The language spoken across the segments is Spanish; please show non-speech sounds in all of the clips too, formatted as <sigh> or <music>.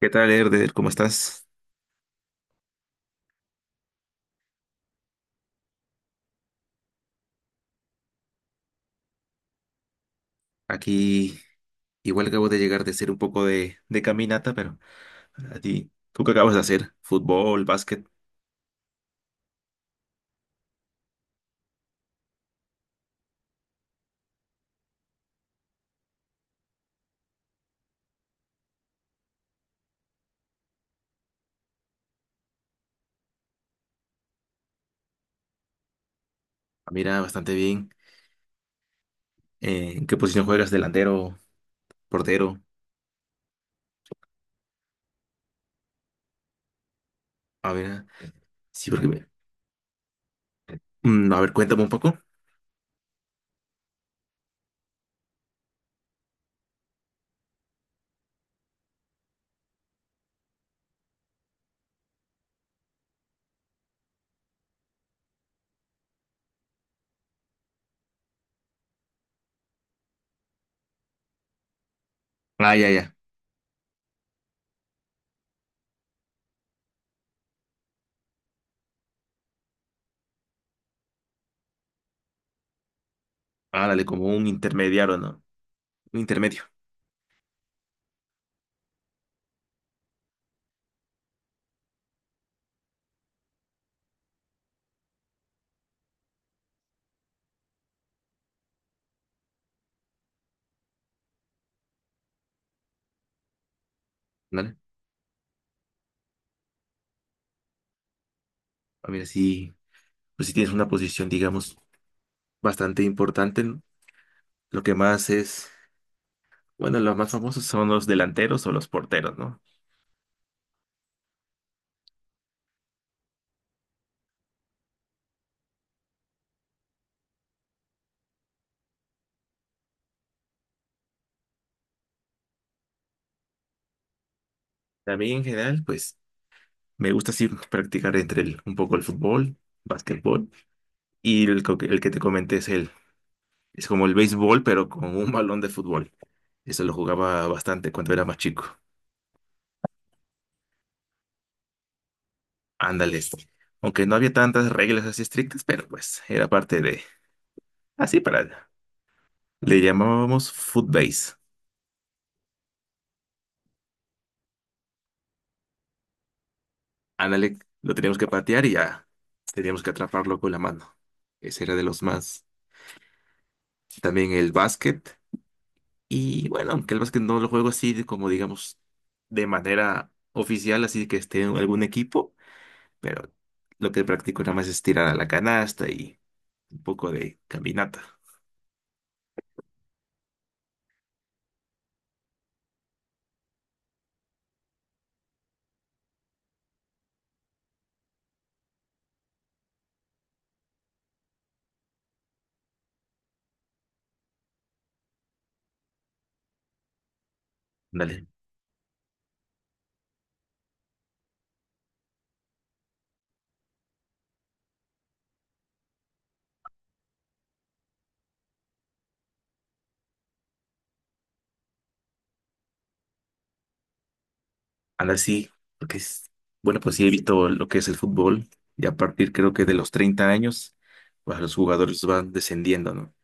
¿Qué tal, Erder? ¿Cómo estás? Aquí igual acabo de llegar de hacer un poco de caminata, pero a ti, ¿tú qué acabas de hacer? ¿Fútbol, básquet? Ah, mira, bastante bien. ¿En qué posición juegas? ¿Delantero? ¿Portero? A ver, ah, sí, porque me- Mm, a ver, cuéntame un poco. Ah, ya, ya. Ah, dale, como un intermediario, ¿no? Un intermedio, ¿vale? A ver, sí, pues si tienes una posición, digamos, bastante importante, ¿no? Lo que más es, bueno, los más famosos son los delanteros o los porteros, ¿no? También en general, pues me gusta así practicar entre el- un poco el fútbol, básquetbol y el, co- el que te comenté es el, es como el béisbol, pero con un balón de fútbol. Eso lo jugaba bastante cuando era más chico. Ándale, esto. Aunque no había tantas reglas así estrictas, pero pues era parte de, así para, le llamábamos footbase. Ándale, lo teníamos que patear y ya teníamos que atraparlo con la mano. Ese era de los más. También el básquet. Y bueno, aunque el básquet no lo juego así de como digamos de manera oficial, así que esté en algún equipo, pero lo que practico nada más es tirar a la canasta y un poco de caminata. Dale, ahora sí, porque es, bueno, pues sí he visto lo que es el fútbol y a partir creo que de los 30 años, pues los jugadores van descendiendo, ¿no?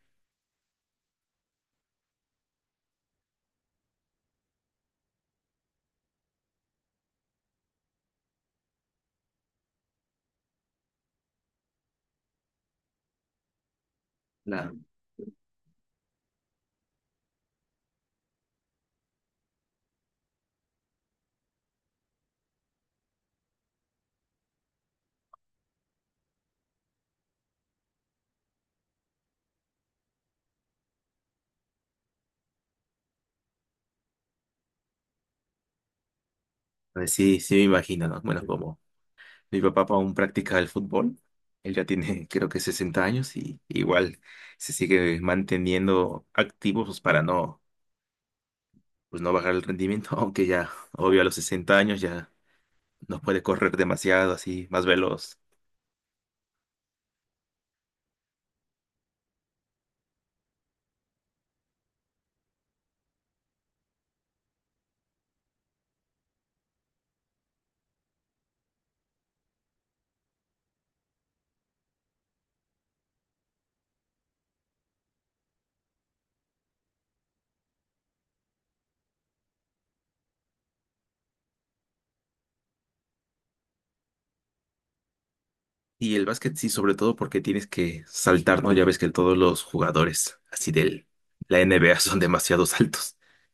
La, pues sí, sí me imagino, ¿no? Bueno, como mi papá aún practica el fútbol. Él ya tiene, <laughs> creo que 60 años y igual se sigue manteniendo activo pues, para no, pues, no bajar el rendimiento, <laughs> aunque ya, obvio, a los 60 años ya no puede correr demasiado, así, más veloz. Y el básquet sí, sobre todo porque tienes que saltar, ¿no? Ya ves que todos los jugadores así de la NBA <laughs> son demasiado altos. <laughs>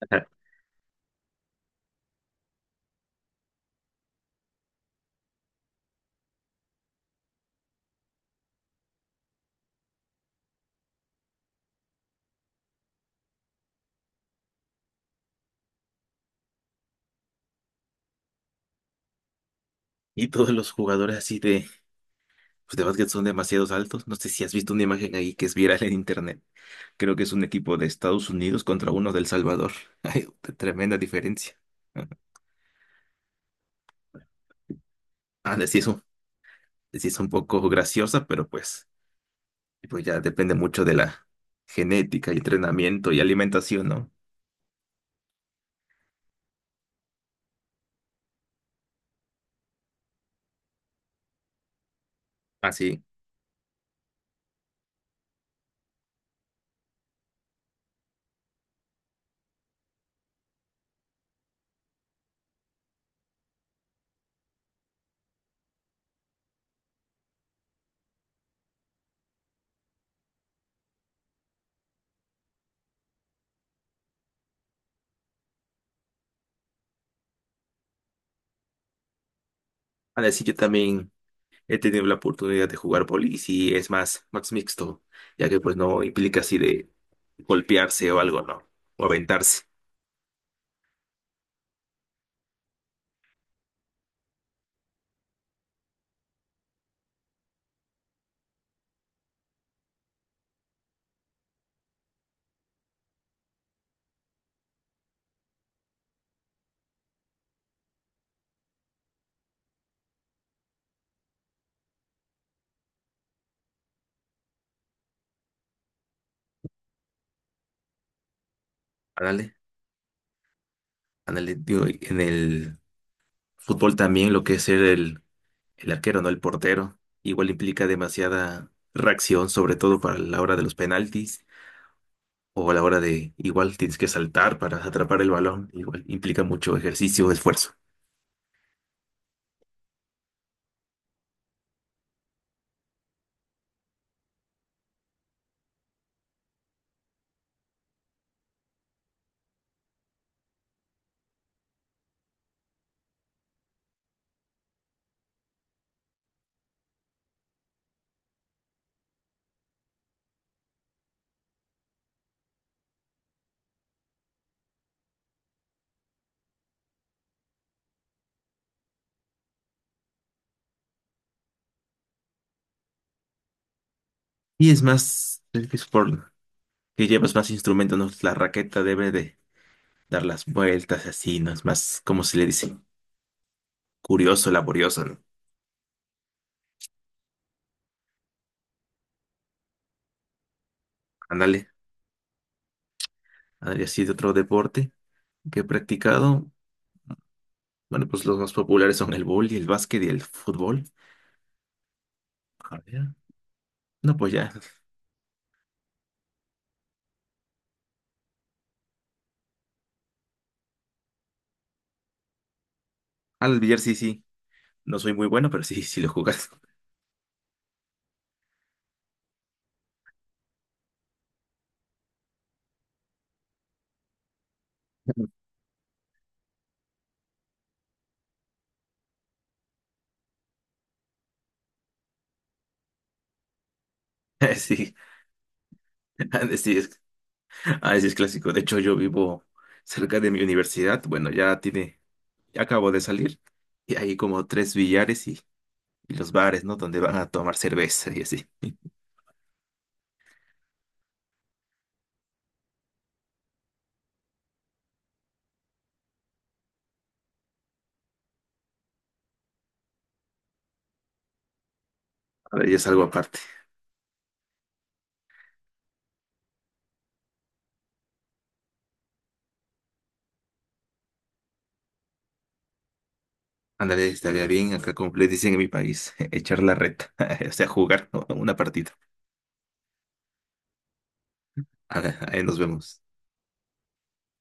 Ajá. Y todos los jugadores así de, pues, de básquet son demasiados altos. No sé si has visto una imagen ahí que es viral en internet. Creo que es un equipo de Estados Unidos contra uno del Salvador. <laughs> Hay tremenda diferencia. <laughs> Ah, sí es un, les es un poco graciosa, pero pues, pues ya depende mucho de la genética y entrenamiento y alimentación, ¿no? Así. A decir, yo también he tenido la oportunidad de jugar bolis y es más, más mixto, ya que pues no implica así de golpearse o algo, ¿no? O aventarse. Ándale, ándale, digo, en el fútbol también lo que es ser el arquero, no el portero. Igual implica demasiada reacción, sobre todo para la hora de los penaltis o a la hora de igual tienes que saltar para atrapar el balón. Igual implica mucho ejercicio, esfuerzo. Y es más, el que es por que llevas más instrumentos, ¿no? La raqueta debe de dar las vueltas así, ¿no? Es más, como se le dice? Curioso, laborioso, ¿no? Ándale, ándale, así de otro deporte que he practicado. Bueno, pues los más populares son el y el básquet y el fútbol. A ver, no, pues ya. Al billar sí, sí. No soy muy bueno, pero sí, sí lo jugas. <laughs> Sí, han de- sí es, ah, sí es clásico. De hecho, yo vivo cerca de mi universidad. Bueno, ya tiene, ya acabo de salir. Y hay como 3 billares y los bares, ¿no? Donde van a tomar cerveza y así. A ver, ya es algo aparte. Ándale, estaría bien, acá como le dicen en mi país, <laughs> echar la reta, <laughs> o sea, jugar, ¿no?, una partida. Ahora, ahí nos vemos.